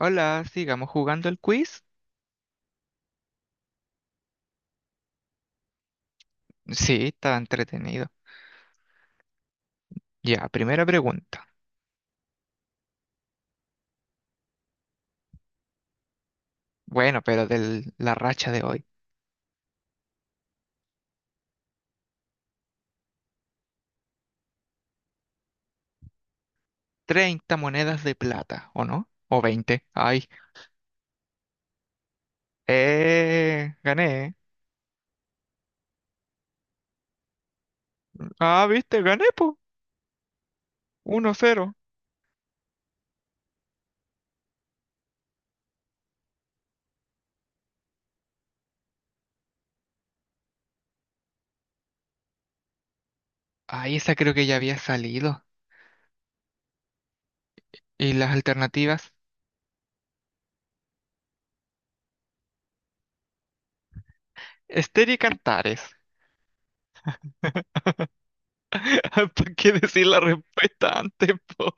Hola, sigamos jugando el quiz. Sí, está entretenido. Ya, primera pregunta. Bueno, pero de la racha de hoy. 30 monedas de plata, ¿o no? ¿O 20? Ay. Gané. Ah, viste, gané, po. 1-0. Ay, esa creo que ya había salido. ¿Y las alternativas? Esther y Cantares. ¿Para qué decir la respuesta antes, po?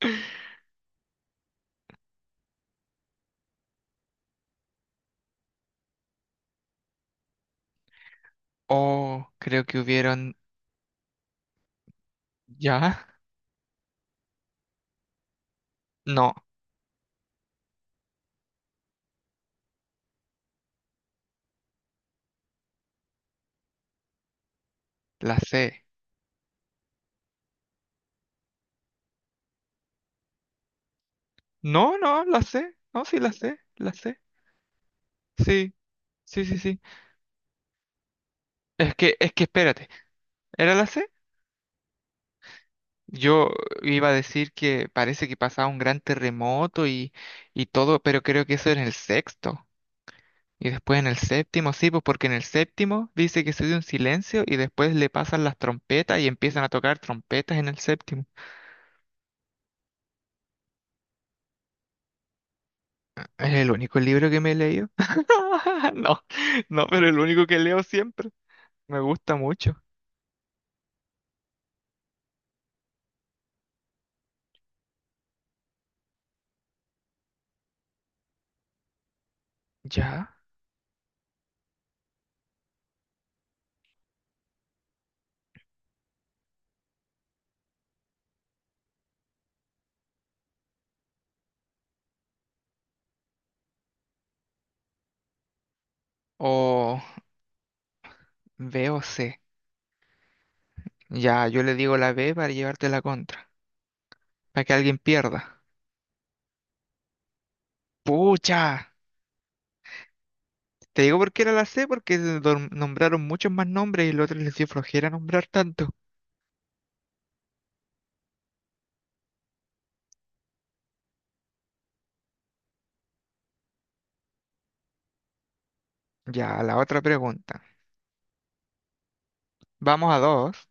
Oh, creo que hubieron... ¿Ya? No, la C. No, no, la C. No, sí, la C. Sí, sí, sí, sí. Es que espérate, ¿era la C? Yo iba a decir que parece que pasaba un gran terremoto y todo, pero creo que eso era en el sexto. Y después en el séptimo, sí, pues porque en el séptimo dice que se dio un silencio y después le pasan las trompetas y empiezan a tocar trompetas en el séptimo. Es el único libro que me he leído. No, no, pero el único que leo siempre. Me gusta mucho. ¿Ya? O... B o C. Ya, yo le digo la B para llevarte la contra, para que alguien pierda. ¡Pucha! Te digo por qué era la C, porque nombraron muchos más nombres y los otros les dio flojera nombrar tanto. Ya, la otra pregunta. Vamos a dos.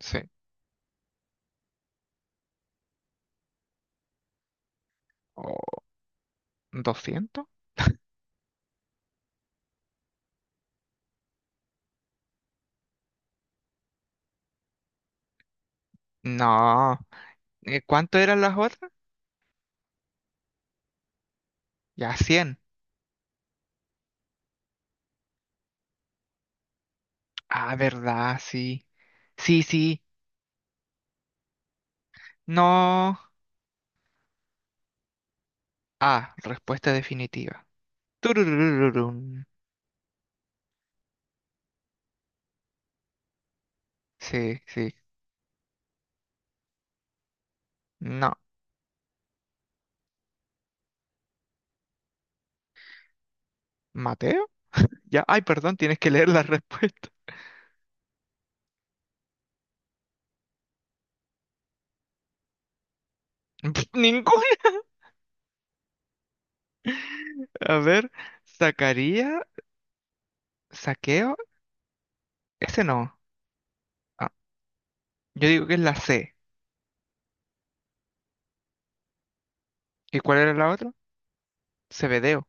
Sí. ¿O 200? No. ¿Cuánto eran las otras? Ya, 100. Ah, verdad, sí. Sí, sí. No. Ah, respuesta definitiva. Turururururun. Sí, sí. No. ¿Maté? Ya, ay, perdón, tienes que leer la respuesta. Ninguna. A ver, sacaría, saqueo, ese no. Ah, yo digo que es la C. ¿Y cuál era la otra? Cebedeo.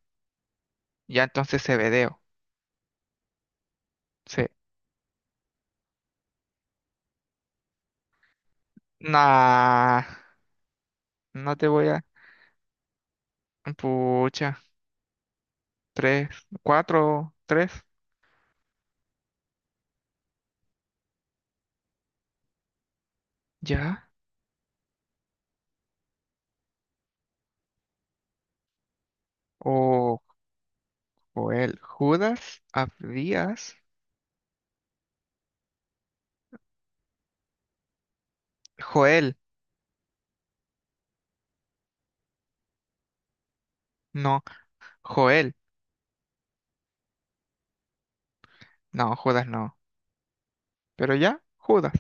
Ya entonces Cebedeo. Sí. Nah, no te voy a. Pucha, tres, 4-3. Ya. O Joel. Judas, Abdías. Joel. No, Joel. No, Judas no. Pero ya, Judas.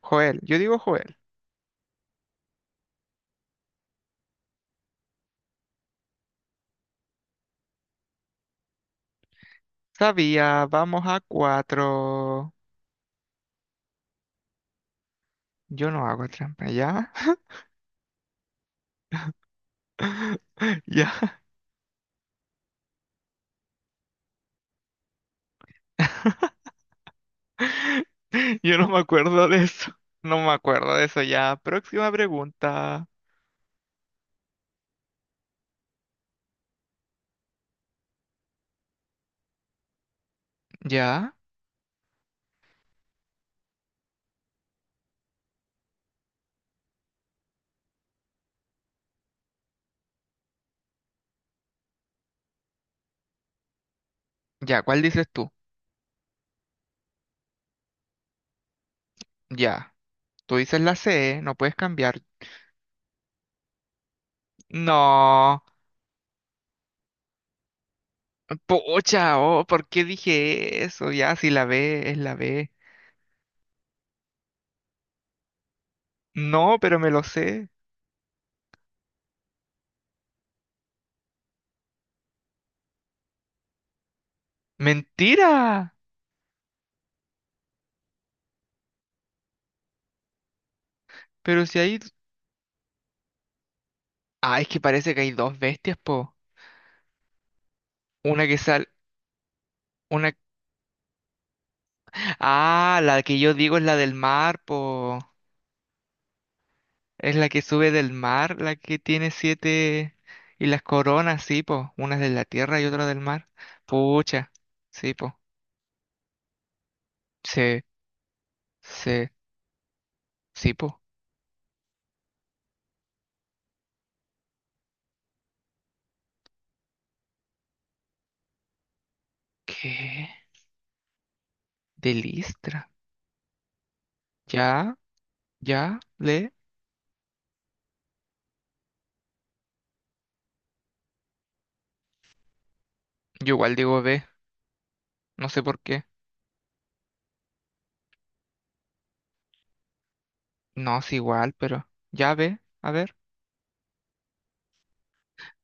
Joel. Yo digo Joel. Sabía, vamos a cuatro. Yo no hago trampa, ¿ya? Ya. Yo no me acuerdo de eso. No me acuerdo de eso ya. Próxima pregunta. ¿Ya? ¿Ya? ¿Cuál dices tú? Ya. Tú dices la C, no puedes cambiar. No. Pocha, oh, ¿por qué dije eso? Ya, si la B es la B. No, pero me lo sé. Mentira. Pero si hay... Ah, es que parece que hay dos bestias, po. Una que sale... Ah, la que yo digo es la del mar, po. Es la que sube del mar, la que tiene siete y las coronas, sí, po. Una es de la tierra y otra del mar. Pucha, sí, po. Sí, sí, sí, po. ¿Qué? De Listra. Ya, ya, le. Yo igual digo ve, no sé por qué. No, es igual, pero ya ve, a ver.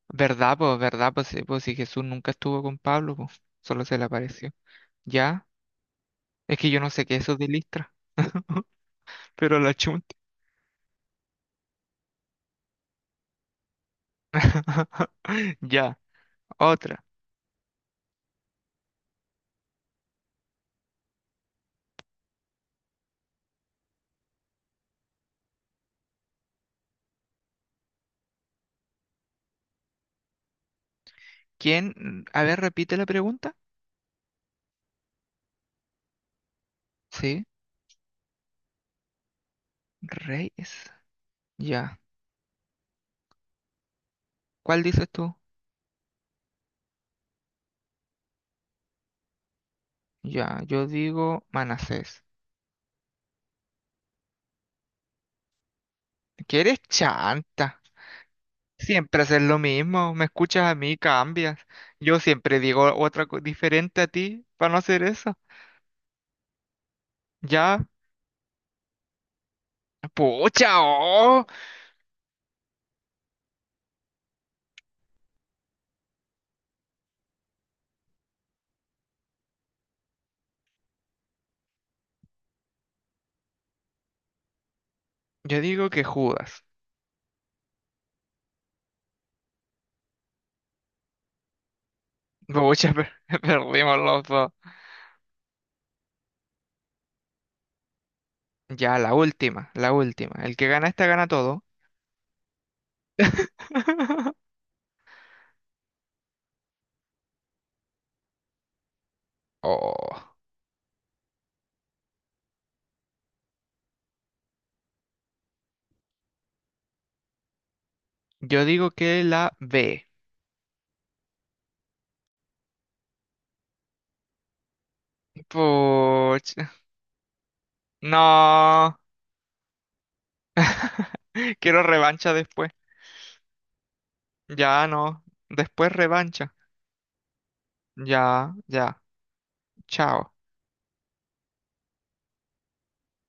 ¿Verdad, po? ¿Verdad, po? Sí, po, si Jesús nunca estuvo con Pablo, po. Solo se le apareció. Ya, es que yo no sé qué es eso de Listra. Pero la chunta. Ya, otra. ¿Quién? A ver, repite la pregunta. Sí, Reyes. Ya. ¿Cuál dices tú? Ya, yo digo Manasés. ¿Qué eres chanta? Siempre haces lo mismo. Me escuchas a mí, cambias. Yo siempre digo otra diferente a ti para no hacer eso. Ya. Pucha, oh. Yo digo que Judas. Pucha, perdimos los dos. Ya, la última, la última. El que gana esta gana todo. Oh, yo digo que la B. Puch, no. Quiero revancha después. Ya no. Después revancha. Ya, ya. Chao.